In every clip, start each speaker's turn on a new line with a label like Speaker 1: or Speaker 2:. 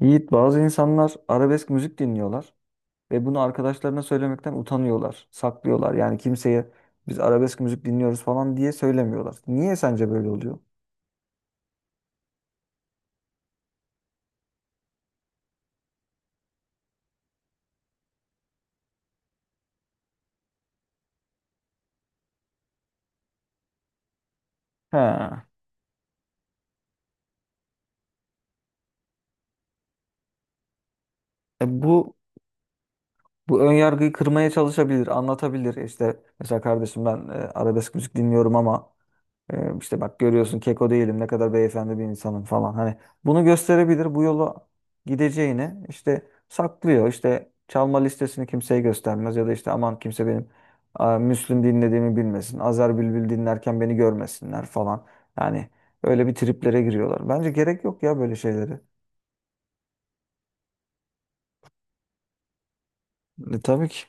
Speaker 1: Yiğit, bazı insanlar arabesk müzik dinliyorlar ve bunu arkadaşlarına söylemekten utanıyorlar, saklıyorlar. Yani kimseye biz arabesk müzik dinliyoruz falan diye söylemiyorlar. Niye sence böyle oluyor? Ha. E, bu ön yargıyı kırmaya çalışabilir, anlatabilir. İşte mesela kardeşim ben arabesk müzik dinliyorum ama işte bak görüyorsun keko değilim ne kadar beyefendi bir insanım falan. Hani bunu gösterebilir, bu yola gideceğini işte saklıyor. İşte çalma listesini kimseye göstermez ya da işte aman kimse benim Müslüm dinlediğimi bilmesin. Azer Bülbül dinlerken beni görmesinler falan. Yani öyle bir triplere giriyorlar. Bence gerek yok ya böyle şeyleri. E, tabii ki.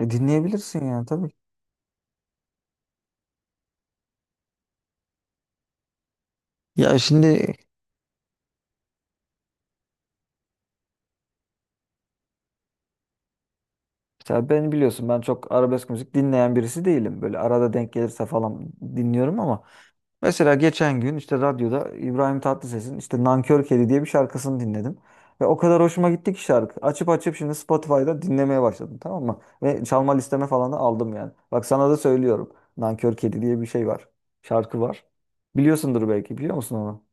Speaker 1: E, dinleyebilirsin yani tabii ki. Ya şimdi mesela ben, biliyorsun, ben çok arabesk müzik dinleyen birisi değilim. Böyle arada denk gelirse falan dinliyorum ama mesela geçen gün işte radyoda İbrahim Tatlıses'in işte Nankör Kedi diye bir şarkısını dinledim. Ve o kadar hoşuma gitti ki şarkı. Açıp açıp şimdi Spotify'da dinlemeye başladım, tamam mı? Ve çalma listeme falan da aldım yani. Bak sana da söylüyorum. Nankör Kedi diye bir şey var. Şarkı var. Biliyorsundur belki, biliyor musun onu?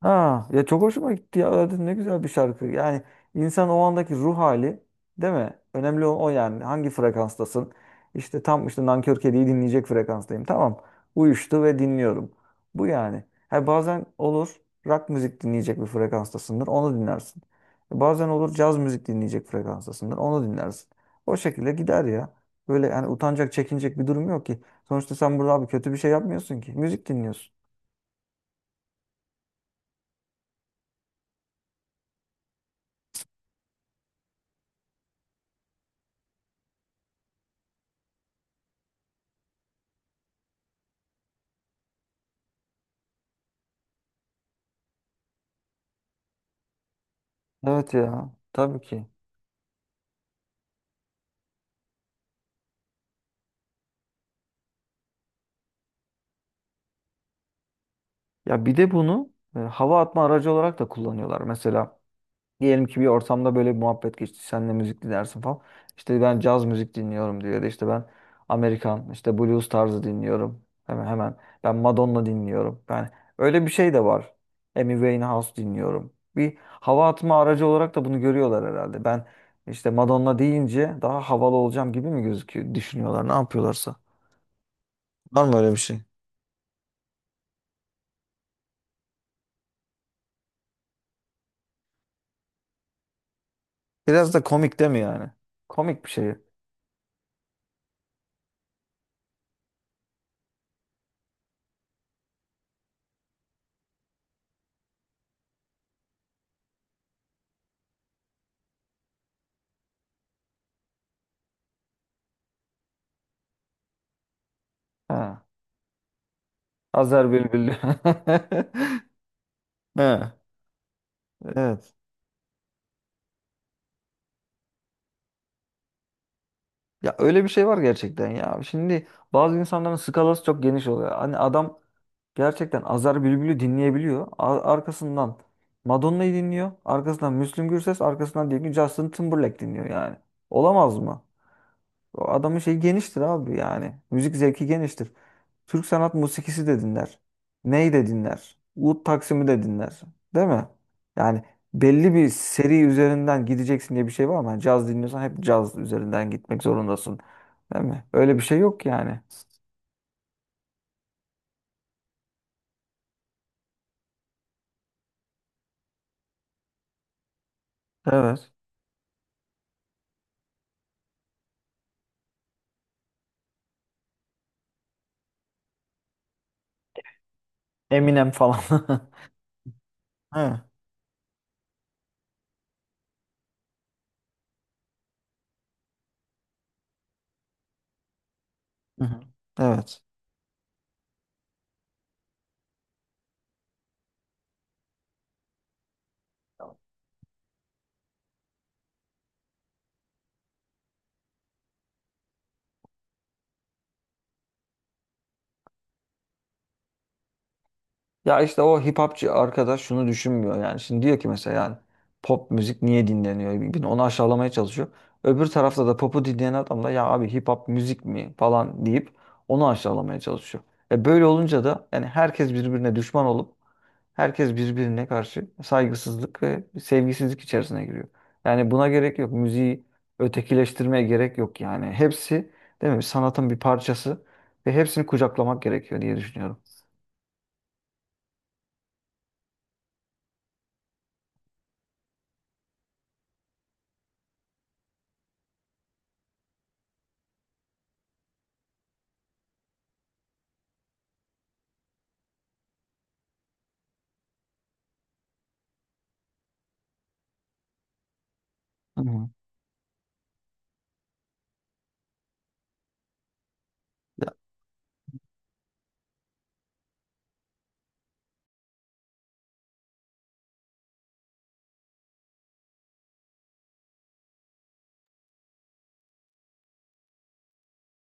Speaker 1: Ha ya, çok hoşuma gitti ya. Dedim ne güzel bir şarkı. Yani insan o andaki ruh hali, değil mi? Önemli olan o yani. Hangi frekanstasın? İşte tam işte Nankör Kedi'yi dinleyecek frekanstayım. Tamam. Uyuştu ve dinliyorum. Bu yani. Ha, bazen olur rock müzik dinleyecek bir frekanstasındır. Onu dinlersin. Bazen olur caz müzik dinleyecek frekanstasındır. Onu dinlersin. O şekilde gider ya. Böyle yani utanacak, çekinecek bir durum yok ki. Sonuçta sen burada abi kötü bir şey yapmıyorsun ki. Müzik dinliyorsun. Evet ya. Tabii ki. Ya bir de bunu hava atma aracı olarak da kullanıyorlar. Mesela diyelim ki bir ortamda böyle bir muhabbet geçti. Sen de müzik dinlersin falan. İşte ben caz müzik dinliyorum, diyor. Ya da işte ben Amerikan işte blues tarzı dinliyorum. Hemen hemen ben Madonna dinliyorum. Ben öyle bir şey de var. Amy Winehouse dinliyorum. Bir hava atma aracı olarak da bunu görüyorlar herhalde. Ben işte Madonna deyince daha havalı olacağım gibi mi gözüküyor, düşünüyorlar ne yapıyorlarsa. Var mı öyle bir şey? Biraz da komik değil mi yani? Komik bir şey. He. Azer Bülbül. Ha, evet. Ya öyle bir şey var gerçekten ya. Şimdi bazı insanların skalası çok geniş oluyor. Hani adam gerçekten Azer Bülbül'ü dinleyebiliyor. Arkasından Madonna'yı dinliyor. Arkasından Müslüm Gürses, arkasından diyelim ki Justin Timberlake dinliyor yani. Olamaz mı? O adamın şeyi geniştir abi yani. Müzik zevki geniştir. Türk sanat musikisi de dinler. Ney de dinler. Ud Taksim'i de dinler. Değil mi? Yani belli bir seri üzerinden gideceksin diye bir şey var mı? Yani caz dinliyorsan hep caz üzerinden gitmek zorundasın. Değil mi? Öyle bir şey yok yani. Evet. Eminem falan. He. Hı hı. Evet. Ya işte o hip hopçı arkadaş şunu düşünmüyor yani. Şimdi diyor ki mesela yani pop müzik niye dinleniyor? Bir- bir Onu aşağılamaya çalışıyor. Öbür tarafta da popu dinleyen adam da, ya abi hip hop müzik mi falan deyip onu aşağılamaya çalışıyor. E böyle olunca da yani herkes birbirine düşman olup herkes birbirine karşı saygısızlık ve sevgisizlik içerisine giriyor. Yani buna gerek yok. Müziği ötekileştirmeye gerek yok yani. Hepsi, değil mi? Sanatın bir parçası ve hepsini kucaklamak gerekiyor diye düşünüyorum. Hı hı.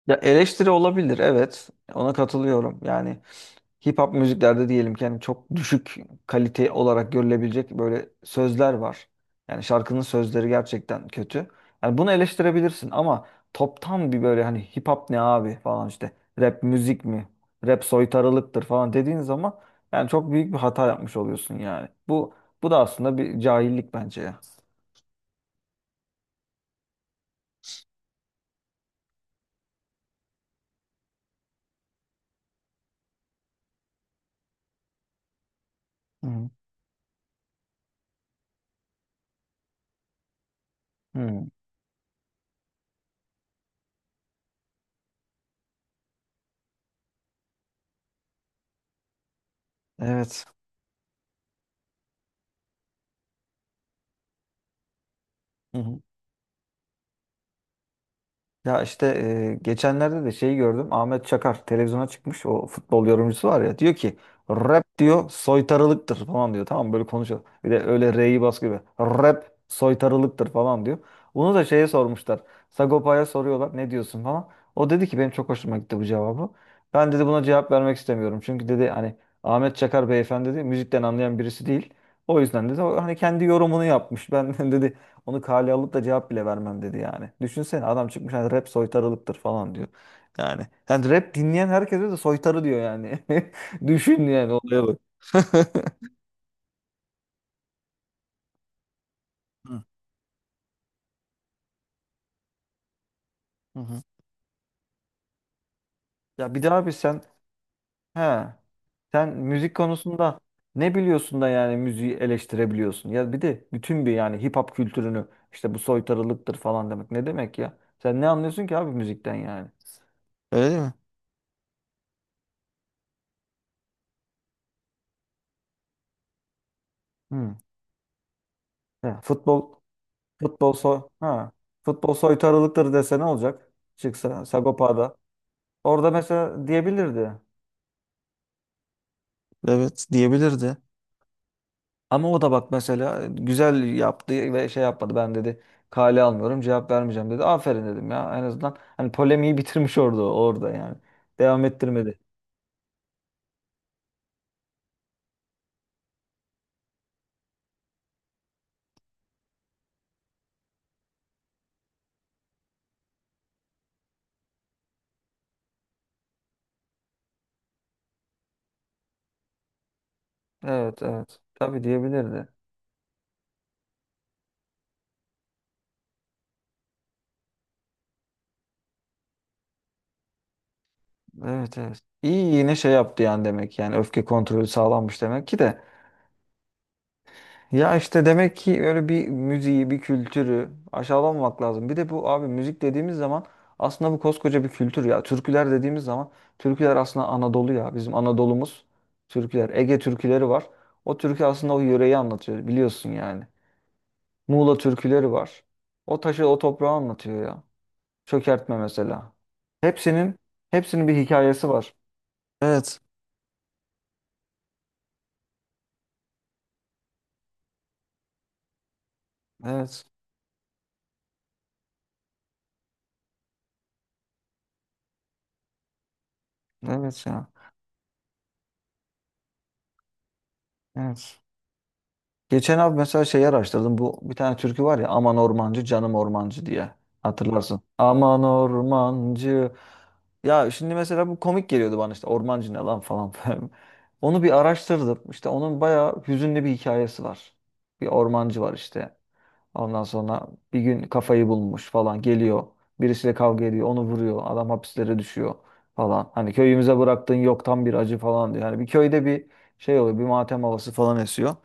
Speaker 1: Ya eleştiri olabilir, evet, ona katılıyorum. Yani hip hop müziklerde diyelim ki yani çok düşük kalite olarak görülebilecek böyle sözler var. Yani şarkının sözleri gerçekten kötü. Yani bunu eleştirebilirsin ama toptan bir böyle hani hip hop ne abi falan işte, rap müzik mi? Rap soytarılıktır falan dediğin zaman yani çok büyük bir hata yapmış oluyorsun yani. Bu da aslında bir cahillik bence ya. Hı hı. Evet. Hı hı. Ya işte geçenlerde de şeyi gördüm. Ahmet Çakar televizyona çıkmış. O futbol yorumcusu var ya. Diyor ki rap, diyor, soytarılıktır falan diyor. Tamam mı? Böyle konuşuyor. Bir de öyle R'yi bas gibi. Rap soytarılıktır falan diyor. Bunu da şeye sormuşlar. Sagopa'ya soruyorlar ne diyorsun falan. O dedi ki, benim çok hoşuma gitti bu cevabı. Ben, dedi, buna cevap vermek istemiyorum. Çünkü, dedi, hani Ahmet Çakar beyefendi, dedi, müzikten anlayan birisi değil. O yüzden, dedi, o hani kendi yorumunu yapmış. Ben, dedi, onu kale alıp da cevap bile vermem, dedi yani. Düşünsene adam çıkmış hani rap soytarılıktır falan diyor. Yani rap dinleyen herkese de soytarı diyor yani. Düşün yani, olaya bak. Hı, hı hı. Ya bir daha, bir he sen müzik konusunda ne biliyorsun da yani müziği eleştirebiliyorsun? Ya bir de bütün bir yani hip hop kültürünü işte bu soytarılıktır falan demek ne demek ya? Sen ne anlıyorsun ki abi müzikten yani? Öyle değil mi? Hı. Ya futbol Futbol soy ha. Futbol soytarılıktır dese ne olacak? Çıksa Sagopa'da. Orada mesela diyebilirdi. Evet, diyebilirdi. Ama o da bak mesela güzel yaptı ve şey yapmadı. Ben, dedi, kale almıyorum, cevap vermeyeceğim, dedi. Aferin dedim ya, en azından hani polemiği bitirmiş orada yani. Devam ettirmedi. Evet, evet. Tabii, diyebilirdi. Evet, evet. İyi, yine şey yaptı yani, demek yani öfke kontrolü sağlanmış demek ki de. Ya işte demek ki öyle bir müziği, bir kültürü aşağılamamak lazım. Bir de bu, abi, müzik dediğimiz zaman aslında bu koskoca bir kültür ya. Türküler dediğimiz zaman türküler aslında Anadolu ya. Bizim Anadolu'muz türküler. Ege türküleri var. O türkü aslında o yöreyi anlatıyor, biliyorsun yani. Muğla türküleri var. O taşı, o toprağı anlatıyor ya. Çökertme mesela. Hepsinin hepsinin bir hikayesi var. Evet. Evet. Evet ya. Evet. Geçen abi mesela şeyi araştırdım. Bu bir tane türkü var ya, Aman Ormancı Canım Ormancı diye. Hatırlarsın. Aman Ormancı. Ya şimdi mesela bu komik geliyordu bana, işte Ormancı ne lan falan. Onu bir araştırdım. İşte onun bayağı hüzünlü bir hikayesi var. Bir ormancı var işte. Ondan sonra bir gün kafayı bulmuş falan geliyor. Birisiyle kavga ediyor, onu vuruyor. Adam hapislere düşüyor falan. Hani köyümüze bıraktığın yok, tam bir acı falan diyor. Yani bir köyde bir şey oluyor, bir matem havası falan esiyor.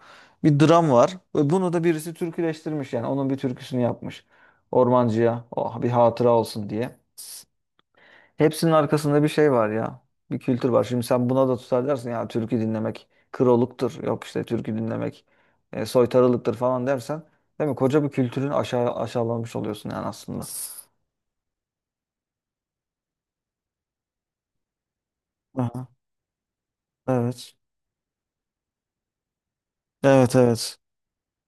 Speaker 1: Bir dram var. Ve bunu da birisi türküleştirmiş yani. Onun bir türküsünü yapmış. Ormancıya, oh, bir hatıra olsun diye. Hepsinin arkasında bir şey var ya. Bir kültür var. Şimdi sen buna da tutar dersin ya türkü dinlemek kroluktur. Yok işte, türkü dinlemek soytarılıktır falan dersen, değil mi? Koca bir kültürün aşağılanmış oluyorsun yani aslında. Aha, evet. Evet, evet.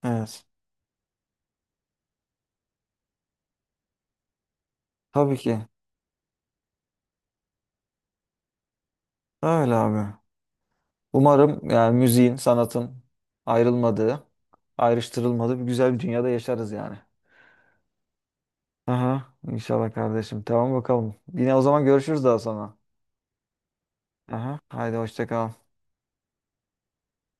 Speaker 1: Evet. Tabii ki. Öyle abi. Umarım yani müziğin, sanatın ayrılmadığı, ayrıştırılmadığı bir güzel bir dünyada yaşarız yani. Aha, inşallah kardeşim. Tamam, bakalım. Yine o zaman görüşürüz daha sonra. Aha. Haydi hoşça kal.